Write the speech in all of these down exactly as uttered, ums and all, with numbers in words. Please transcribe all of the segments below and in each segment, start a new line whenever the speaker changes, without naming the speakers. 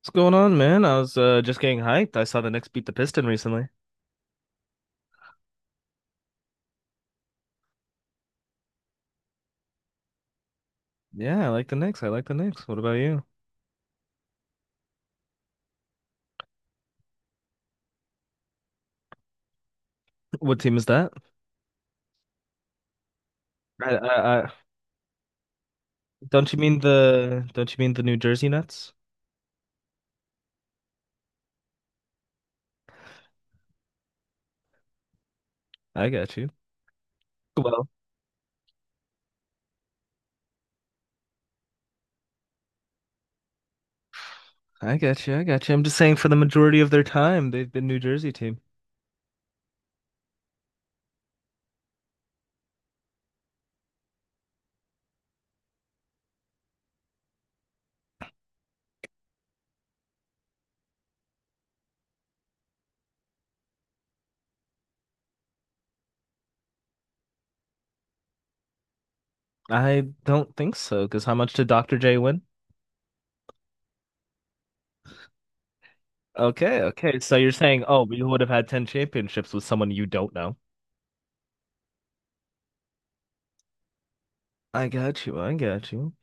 What's going on, man? I was uh, just getting hyped. I saw the Knicks beat the Piston recently. Yeah, I like the Knicks. I like the Knicks. What about you? What team is that? I, I, I don't you mean the don't you mean the New Jersey Nets? I got you. Well, I got you. I got you. I'm just saying for the majority of their time, they've been New Jersey team. I don't think so, because how much did Doctor J win? Okay, okay. So you're saying, oh, we would have had ten championships with someone you don't know. I got you. I got you.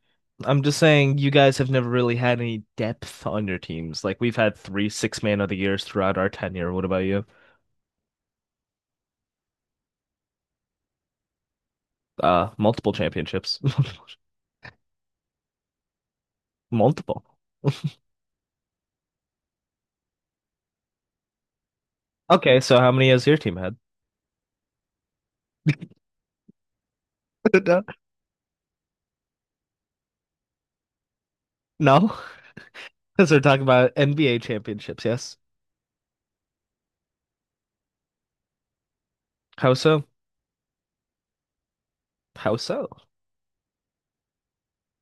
I'm just saying you guys have never really had any depth on your teams. Like we've had three six man of the years throughout our tenure. What about you? Uh multiple championships. Multiple. Okay, so how many has your team had? No. Because we're talking about N B A championships, yes? How so? How so?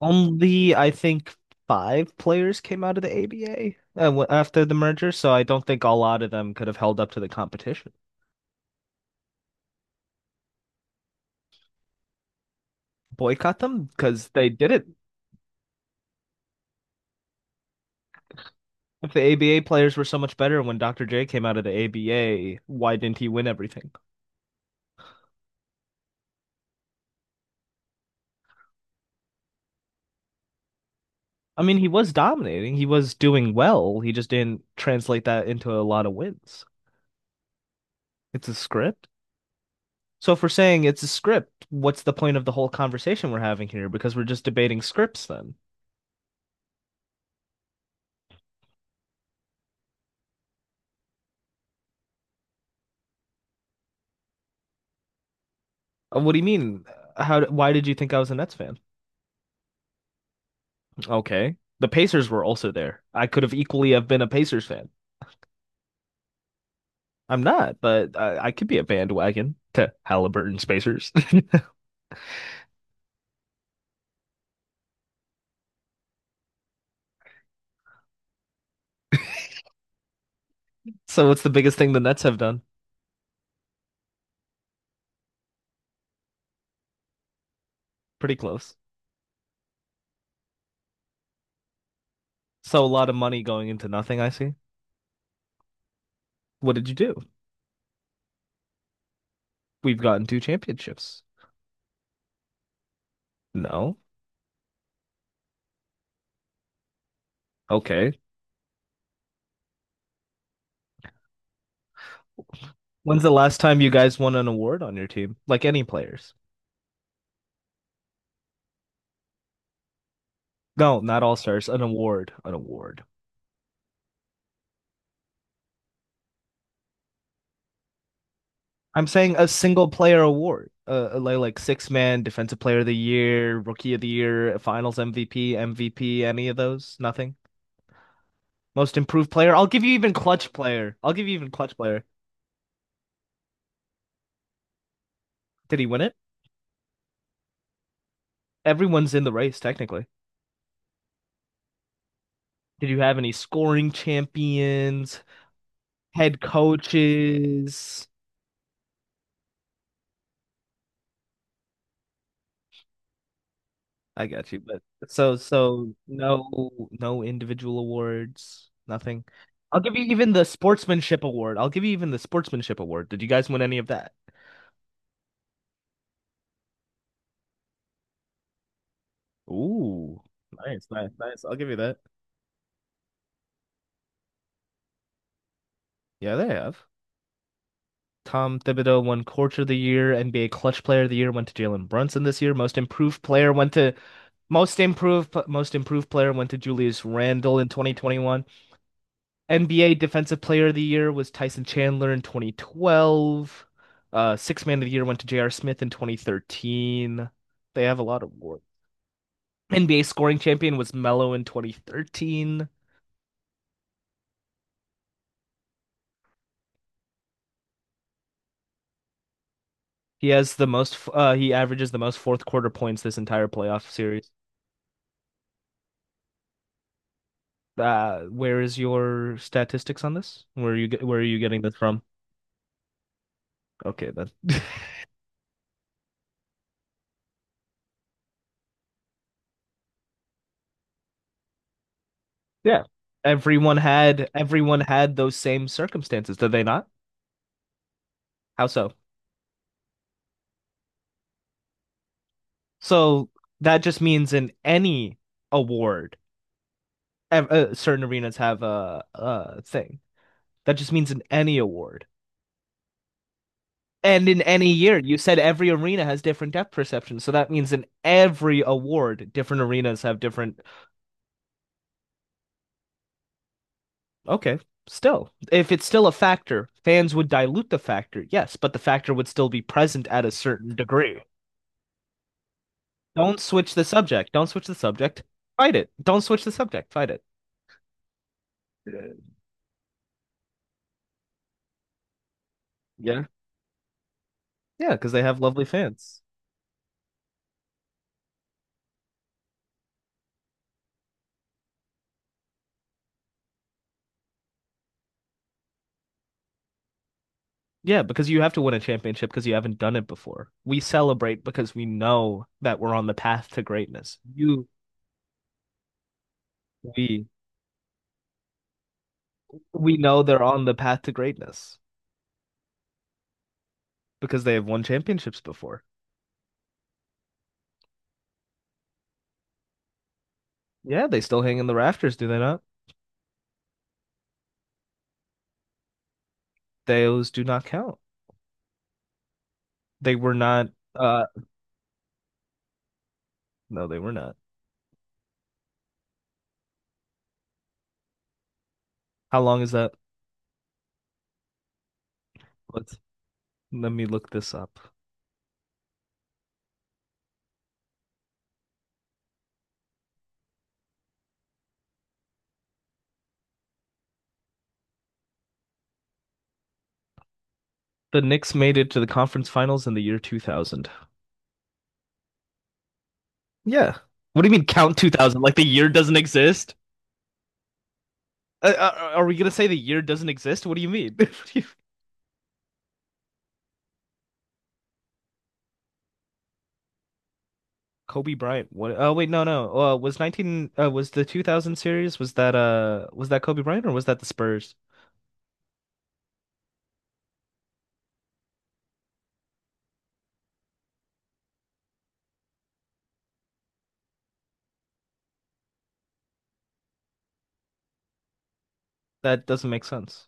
Only I think five players came out of the A B A uh, w- after the merger, so I don't think a lot of them could have held up to the competition. Boycott them because they did not. If the A B A players were so much better when Doctor J came out of the A B A, why didn't he win everything? I mean, he was dominating, he was doing well, he just didn't translate that into a lot of wins. It's a script. So if we're saying it's a script, what's the point of the whole conversation we're having here? Because we're just debating scripts then. Uh, What do you mean? Uh, How, why did you think I was a Nets fan? Okay. The Pacers were also there. I could have equally have been a Pacers fan. I'm not, but I, I could be a bandwagon to Halliburton Spacers. So what's the biggest thing the Nets have done? Pretty close. So a lot of money going into nothing, I see. What did you do? We've gotten two championships. No. Okay. When's the last time you guys won an award on your team? Like any players? No, not all stars. An award. An award. I'm saying a single player award. Uh, like like six man, defensive player of the year, rookie of the year, finals M V P, M V P, any of those? Nothing. Most improved player. I'll give you even clutch player. I'll give you even clutch player. Did he win it? Everyone's in the race technically. Did you have any scoring champions, head coaches? I got you, but so so no no individual awards, nothing. I'll give you even the sportsmanship award. I'll give you even the sportsmanship award. Did you guys win any of that? Ooh, nice, nice, nice. I'll give you that. Yeah, they have. Tom Thibodeau won Coach of the Year, N B A Clutch Player of the Year went to Jalen Brunson this year. Most Improved Player went to Most Improved Most Improved Player went to Julius Randle in twenty twenty-one. N B A Defensive Player of the Year was Tyson Chandler in twenty twelve. Uh, Sixth Man of the Year went to J R. Smith in twenty thirteen. They have a lot of awards. N B A scoring champion was Melo in twenty thirteen. He has the most, uh, he averages the most fourth quarter points this entire playoff series. Uh, where is your statistics on this? Where are you, where are you getting this from? Okay, then. Yeah. Everyone had, everyone had those same circumstances, did they not? How so? So that just means in any award, uh, certain arenas have a, a thing. That just means in any award. And in any year, you said every arena has different depth perceptions. So that means in every award, different arenas have different. Okay, still. If it's still a factor, fans would dilute the factor, yes, but the factor would still be present at a certain degree. Don't switch the subject. Don't switch the subject. Fight it. Don't switch the subject. Fight it. Yeah. Yeah, because they have lovely fans. Yeah, because you have to win a championship because you haven't done it before. We celebrate because we know that we're on the path to greatness. You, we, we know they're on the path to greatness because they have won championships before. Yeah, they still hang in the rafters, do they not? Those do not count. They were not, uh, no, they were not. How long is that? Let's, Let me look this up. The Knicks made it to the conference finals in the year two thousand. Yeah. What do you mean count two thousand? Like the year doesn't exist? Uh, uh, uh, are we gonna say the year doesn't exist? What do you mean? Kobe Bryant. What? Oh wait, no, no. Uh, was nineteen uh, was the two thousand series, was that uh was that Kobe Bryant or was that the Spurs? That doesn't make sense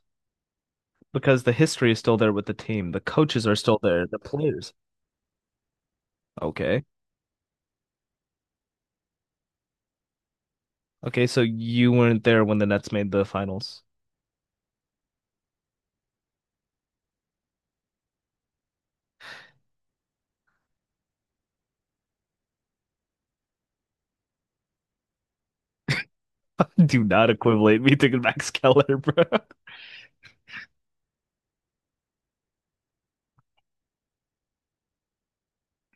because the history is still there with the team. The coaches are still there, the players. Okay. Okay, so you weren't there when the Nets made the finals. Do not equivalent me to Max Keller, bro.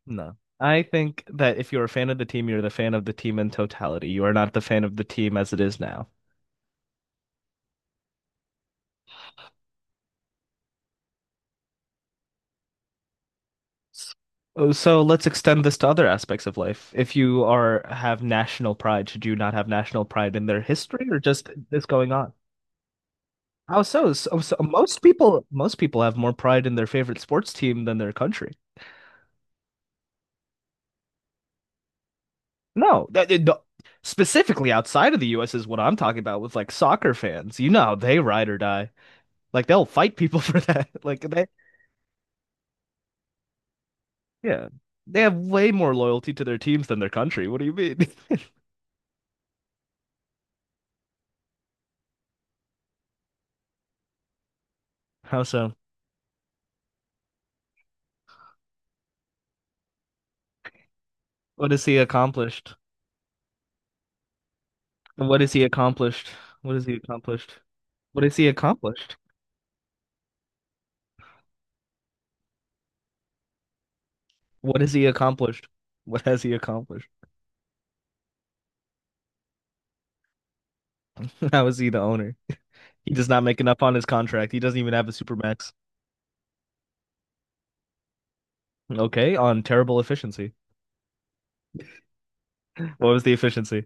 No. I think that if you're a fan of the team, you're the fan of the team in totality. You are not the fan of the team as it is now. S- oh, So let's extend this to other aspects of life. If you are have national pride, should you not have national pride in their history or just this going on? How so? So, so most people most people have more pride in their favorite sports team than their country. No, that, it- no- Specifically outside of the U S is what I'm talking about with like soccer fans. You know how they ride or die. Like they'll fight people for that. Like they Yeah. They have way more loyalty to their teams than their country. What do you mean? How so? What has he accomplished? And what has he accomplished? What has he accomplished? What has he accomplished? What has he accomplished? What has he accomplished? How is he the owner? He does not make enough on his contract. He doesn't even have a supermax. Okay, on terrible efficiency. What was the efficiency?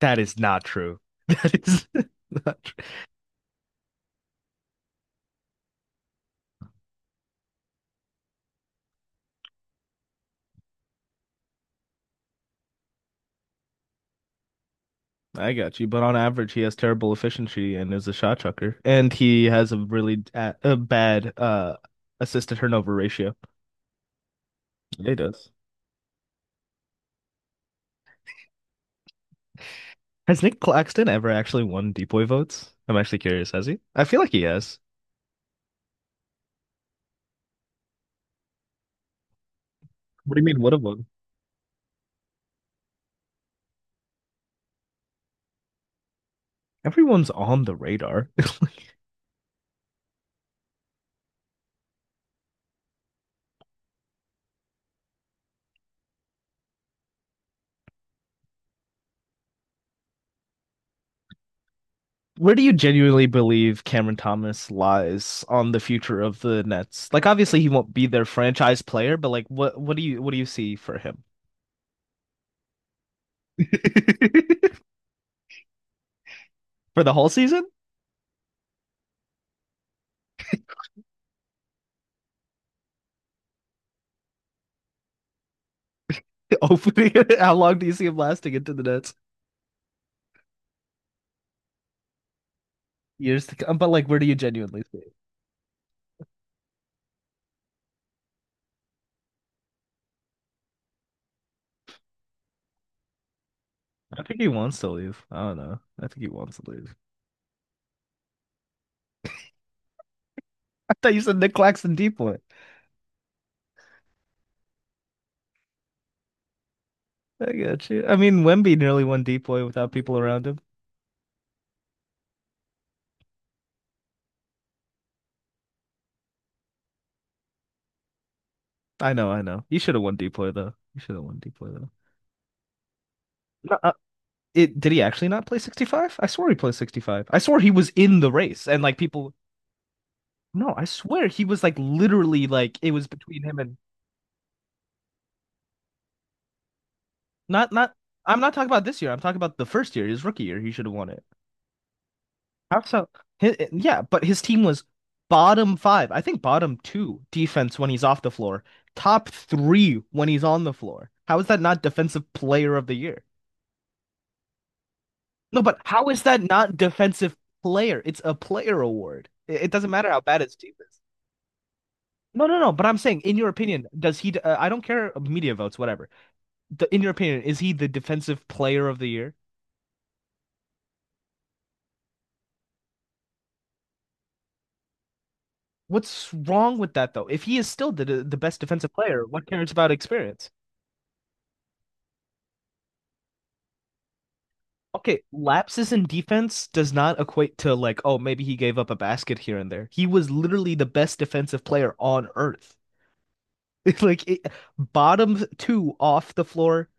That is not true. That is not true. I got you, but on average, he has terrible efficiency and is a shot chucker, and he has a really a, a bad uh assist turnover ratio. He does. Has Nick Claxton ever actually won deep boy votes? I'm actually curious, has he? I feel like he has. What do you mean, would have won? Everyone's on the radar. Where do you genuinely believe Cameron Thomas lies on the future of the Nets? Like obviously he won't be their franchise player, but like what what do you what do you see for him? For the whole season? Opening How long do you see him lasting into the Nets? Years to come. But like where do you genuinely see it? I think he wants to leave. I don't know. I think he wants to leave. I thought you said Nick Claxton deep boy. I got you. I mean, Wemby nearly won D P O Y without people around him. I know, I know. You should have won D P O Y though. You should have won D P O Y though. No, uh, it did he actually not play sixty-five? I swore he played sixty-five. I swore he was in the race and like people. No, I swear he was like literally like it was between him and not, not, I'm not talking about this year. I'm talking about the first year, his rookie year. He should have won it. How so? Hi- eh, yeah, but his team was bottom five. I think bottom two defense when he's off the floor, top three when he's on the floor. How is that not defensive player of the year? No, but how is that not defensive player? It's a player award. It, it doesn't matter how bad his team is. No, no, no. But I'm saying, in your opinion, does he? Uh, I don't care. uh, Media votes, whatever. The, in your opinion, is he the defensive player of the year? What's wrong with that though? If he is still the the best defensive player, what cares about experience? Okay, lapses in defense does not equate to like, oh, maybe he gave up a basket here and there. He was literally the best defensive player on earth. It's Like it, Bottom two off the floor,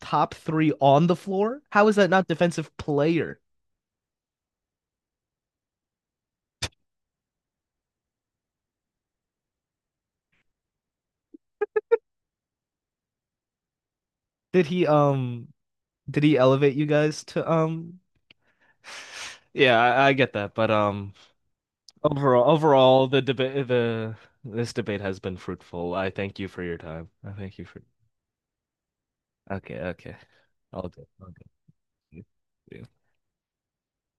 top three on the floor. How is that not defensive player? Did he um did he elevate you guys to— um Yeah, I, I get that, but um overall overall the debate, the this debate has been fruitful. I thank you for your time. I thank you for Okay, okay. I'll do. Yeah.